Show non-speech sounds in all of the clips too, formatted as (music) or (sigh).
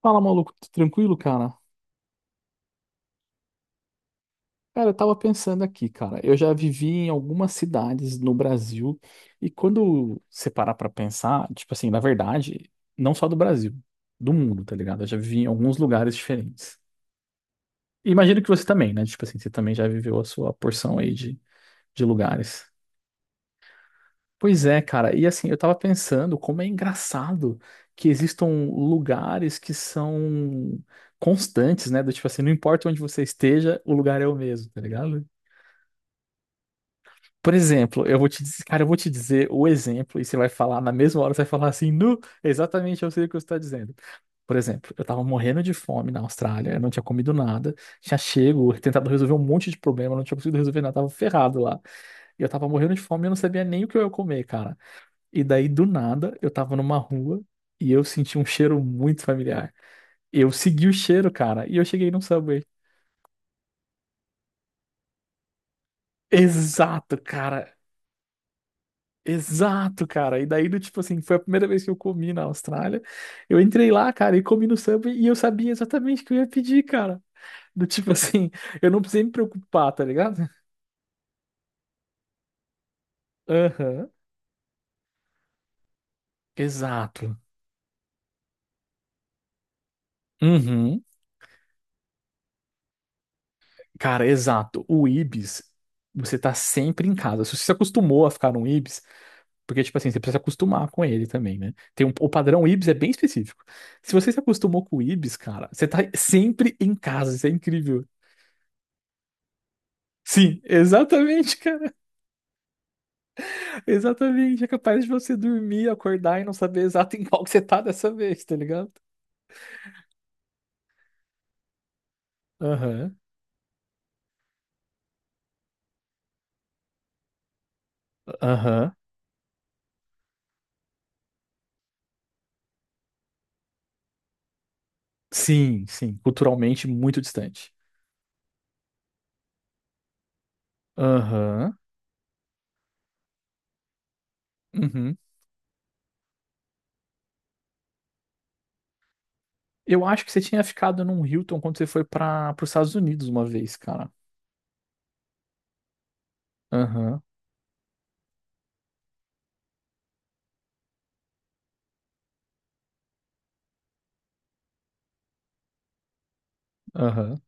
Fala, maluco, tudo tranquilo, cara? Cara, eu tava pensando aqui, cara. Eu já vivi em algumas cidades no Brasil e quando você parar pra pensar, tipo assim, na verdade, não só do Brasil, do mundo, tá ligado? Eu já vivi em alguns lugares diferentes. E imagino que você também, né? Tipo assim, você também já viveu a sua porção aí de lugares. Pois é, cara. E assim, eu tava pensando como é engraçado que existam lugares que são constantes, né? Do tipo assim, não importa onde você esteja, o lugar é o mesmo, tá ligado? Por exemplo, eu vou te dizer, cara, eu vou te dizer o exemplo e você vai falar, na mesma hora você vai falar assim, nu, exatamente eu sei o que você está dizendo. Por exemplo, eu tava morrendo de fome na Austrália, eu não tinha comido nada, tinha chego, tentado resolver um monte de problema, não tinha conseguido resolver nada, tava ferrado lá. E eu tava morrendo de fome e eu não sabia nem o que eu ia comer, cara. E daí, do nada, eu tava numa rua e eu senti um cheiro muito familiar. Eu segui o cheiro, cara, e eu cheguei num Subway. Exato, cara. Exato, cara. E daí, do tipo assim, foi a primeira vez que eu comi na Austrália. Eu entrei lá, cara, e comi no Subway e eu sabia exatamente o que eu ia pedir, cara. Do tipo assim, (laughs) eu não precisei me preocupar, tá ligado? Aham. Exato. Uhum. Cara, exato. O Ibis, você tá sempre em casa. Se você se acostumou a ficar num Ibis, porque, tipo assim, você precisa se acostumar com ele também, né? Tem um, o padrão Ibis é bem específico. Se você se acostumou com o Ibis, cara, você tá sempre em casa. Isso é incrível. Sim, exatamente. Exatamente, é capaz de você dormir, acordar e não saber exato em qual que você tá dessa vez, tá ligado? Aham, aham. Sim, sim, culturalmente muito distante. Aham, uhum. Eu acho que você tinha ficado num Hilton quando você foi para os Estados Unidos uma vez, cara. Aham, aham.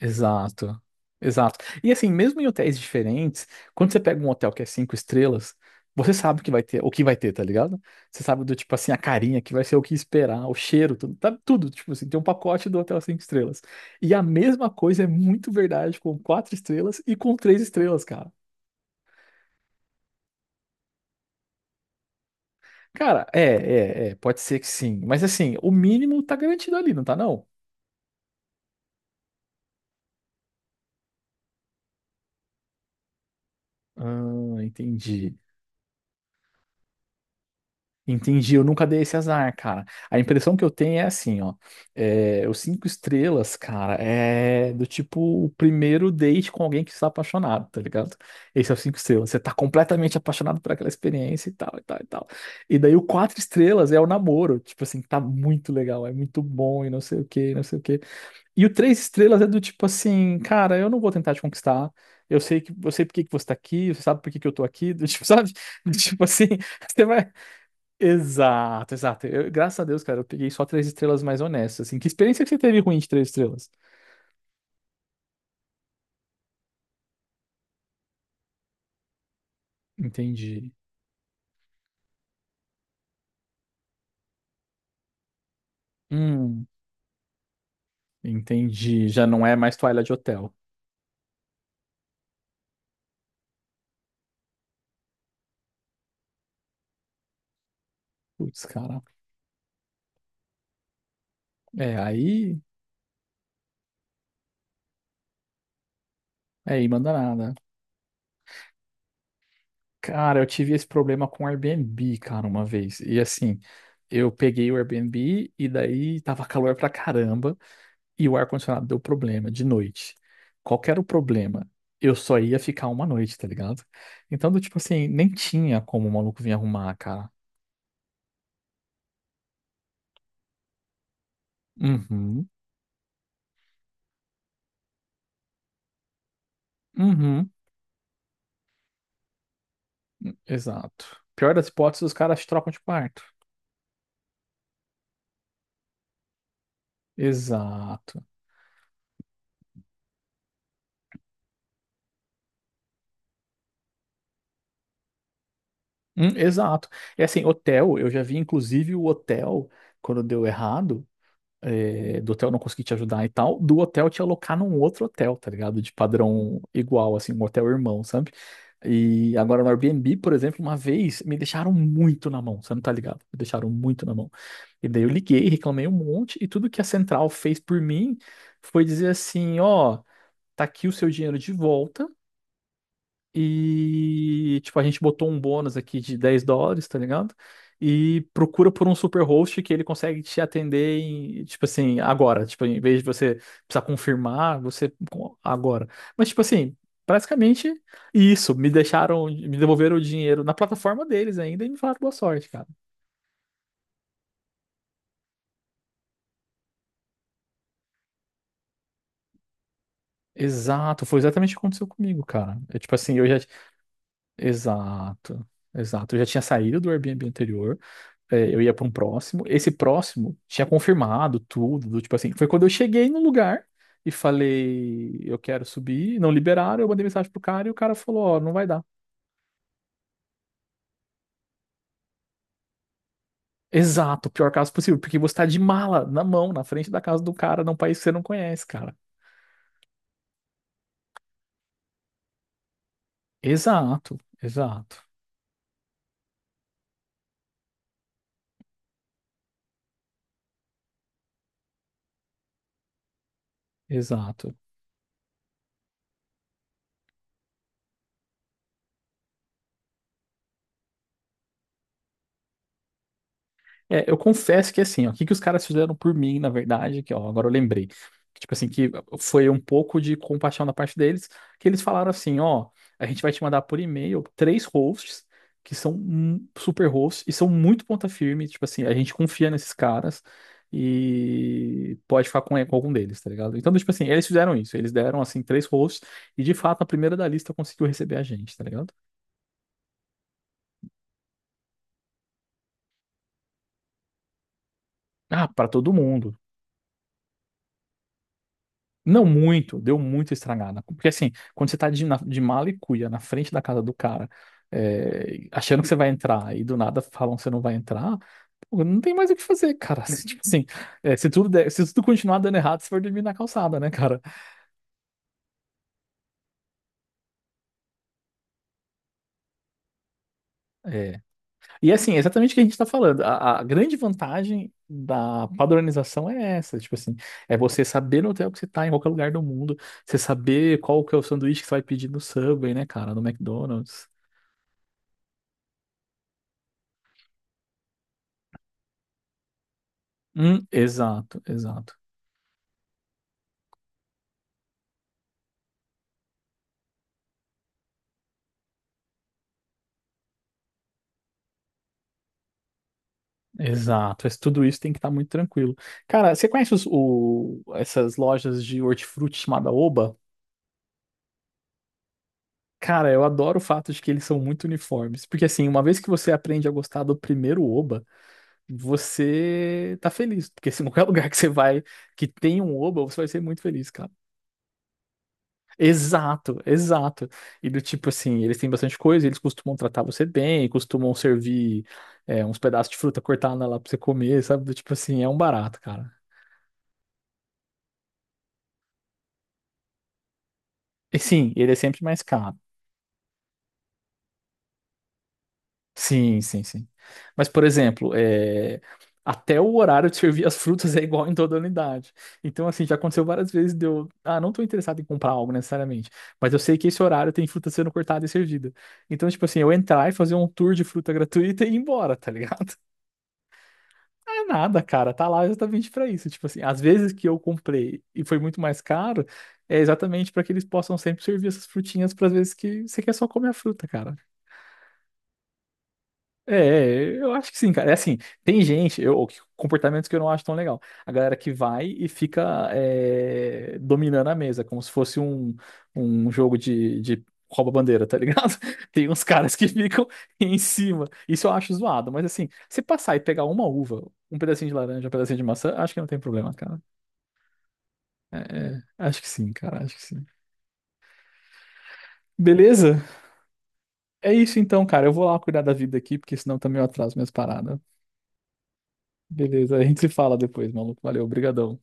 Exato, exato. E assim, mesmo em hotéis diferentes, quando você pega um hotel que é cinco estrelas, você sabe que vai ter, o que vai ter, tá ligado? Você sabe do tipo assim, a carinha que vai ser o que esperar, o cheiro, tudo, tá tudo, tipo assim, tem um pacote do hotel cinco estrelas. E a mesma coisa é muito verdade com quatro estrelas e com três estrelas, cara. Cara, é, é, é, pode ser que sim, mas assim, o mínimo tá garantido ali, não tá não? Ah, entendi. Entendi, eu nunca dei esse azar, cara. A impressão que eu tenho é assim, ó. É, os cinco estrelas, cara, é do tipo o primeiro date com alguém que está apaixonado, tá ligado? Esse é o cinco estrelas. Você tá completamente apaixonado por aquela experiência e tal, e tal, e tal. E daí o quatro estrelas é o namoro. Tipo assim, tá muito legal, é muito bom e não sei o quê, e não sei o quê. E o três estrelas é do tipo assim, cara, eu não vou tentar te conquistar. Eu sei que, eu sei por que que você tá aqui, você sabe por que que eu tô aqui, (laughs) do tipo, sabe? Tipo assim, você vai. Exato, exato. Graças a Deus, cara, eu peguei só três estrelas mais honestas. Assim, que experiência que você teve ruim de três estrelas? Entendi. Hum, entendi. Já não é mais toalha de hotel. Putz, cara. É, aí. Aí, manda nada. Cara, eu tive esse problema com o Airbnb, cara, uma vez. E assim, eu peguei o Airbnb e daí tava calor pra caramba. E o ar-condicionado deu problema de noite. Qual que era o problema? Eu só ia ficar uma noite, tá ligado? Então, do tipo assim, nem tinha como o maluco vir arrumar, cara. Uhum, uhum, exato. Pior das hipóteses, os caras trocam de quarto. Exato. Exato. E assim, hotel, eu já vi inclusive o hotel, quando deu errado, do hotel não conseguir te ajudar e tal, do hotel te alocar num outro hotel, tá ligado? De padrão igual, assim, um hotel irmão, sabe? E agora no Airbnb, por exemplo, uma vez me deixaram muito na mão, você não tá ligado? Me deixaram muito na mão. E daí eu liguei, reclamei um monte, e tudo que a Central fez por mim foi dizer assim: ó, tá aqui o seu dinheiro de volta. E, tipo, a gente botou um bônus aqui de 10 dólares, tá ligado? E procura por um super host que ele consegue te atender, em, tipo assim, agora. Tipo, em vez de você precisar confirmar, agora. Mas, tipo assim, basicamente isso. Me deixaram, me devolveram o dinheiro na plataforma deles ainda e me falaram boa sorte, cara. Exato, foi exatamente o que aconteceu comigo, cara. É tipo assim, eu já. Exato, exato. Eu já tinha saído do Airbnb anterior. Eu ia pra um próximo. Esse próximo tinha confirmado tudo, do tipo assim. Foi quando eu cheguei no lugar e falei, eu quero subir, não liberaram, eu mandei mensagem pro cara e o cara falou, ó, não vai dar. Exato, o pior caso possível, porque você tá de mala na mão, na frente da casa do cara, num país que você não conhece, cara. Exato, exato, exato. É, eu confesso que assim, ó, o que que os caras fizeram por mim, na verdade, que ó, agora eu lembrei. Tipo assim, que foi um pouco de compaixão da parte deles, que eles falaram assim, ó, a gente vai te mandar por e-mail três hosts que são super hosts e são muito ponta firme, tipo assim, a gente confia nesses caras e pode ficar com algum deles, tá ligado? Então, tipo assim, eles fizeram isso, eles deram assim três hosts e de fato a primeira da lista conseguiu receber a gente, tá ligado? Ah, pra todo mundo. Não muito, deu muito estragada. Porque assim, quando você tá de mala e cuia na frente da casa do cara, achando que você vai entrar e do nada falam que você não vai entrar, pô, não tem mais o que fazer, cara. (laughs) Se, tipo assim, se tudo continuar dando errado, você vai dormir na calçada, né, cara? É. E assim, é exatamente o que a gente tá falando. A grande vantagem da padronização é essa, tipo assim, é você saber no hotel que você tá, em qualquer lugar do mundo, você saber qual que é o sanduíche que você vai pedir no Subway, né, cara, no McDonald's. Exato, exato. Exato, mas tudo isso tem que estar muito tranquilo. Cara, você conhece essas lojas de hortifruti chamada Oba? Cara, eu adoro o fato de que eles são muito uniformes, porque assim, uma vez que você aprende a gostar do primeiro Oba, você tá feliz, porque se (laughs) qualquer lugar que você vai que tem um Oba, você vai ser muito feliz, cara. Exato, exato. E do tipo assim, eles têm bastante coisa, eles costumam tratar você bem, costumam servir uns pedaços de fruta cortada lá pra você comer, sabe? Do tipo assim, é um barato, cara. E sim, ele é sempre mais caro. Sim, sim, sim. Mas, por exemplo, até o horário de servir as frutas (laughs) é igual em toda a unidade. Então, assim, já aconteceu várias vezes de eu. Ah, não estou interessado em comprar algo necessariamente, mas eu sei que esse horário tem fruta sendo cortada e servida. Então, tipo assim, eu entrar e fazer um tour de fruta gratuita e ir embora, tá ligado? (laughs) Não é nada, cara. Tá lá exatamente pra isso. Tipo assim, às vezes que eu comprei e foi muito mais caro, é exatamente pra que eles possam sempre servir essas frutinhas para vezes que você quer só comer a fruta, cara. É, é, eu acho que sim, cara. É assim, tem gente, eu, comportamentos que eu não acho tão legal. A galera que vai e fica dominando a mesa, como se fosse um, um jogo de rouba-bandeira, tá ligado? (laughs) Tem uns caras que ficam em cima. Isso eu acho zoado, mas assim, se passar e pegar uma uva, um pedacinho de laranja, um pedacinho de maçã, acho que não tem problema, cara. É, é, acho que sim, cara, acho que sim. Beleza? É isso então, cara. Eu vou lá cuidar da vida aqui, porque senão também eu atraso minhas paradas. Beleza, a gente se fala depois, maluco. Valeu, brigadão.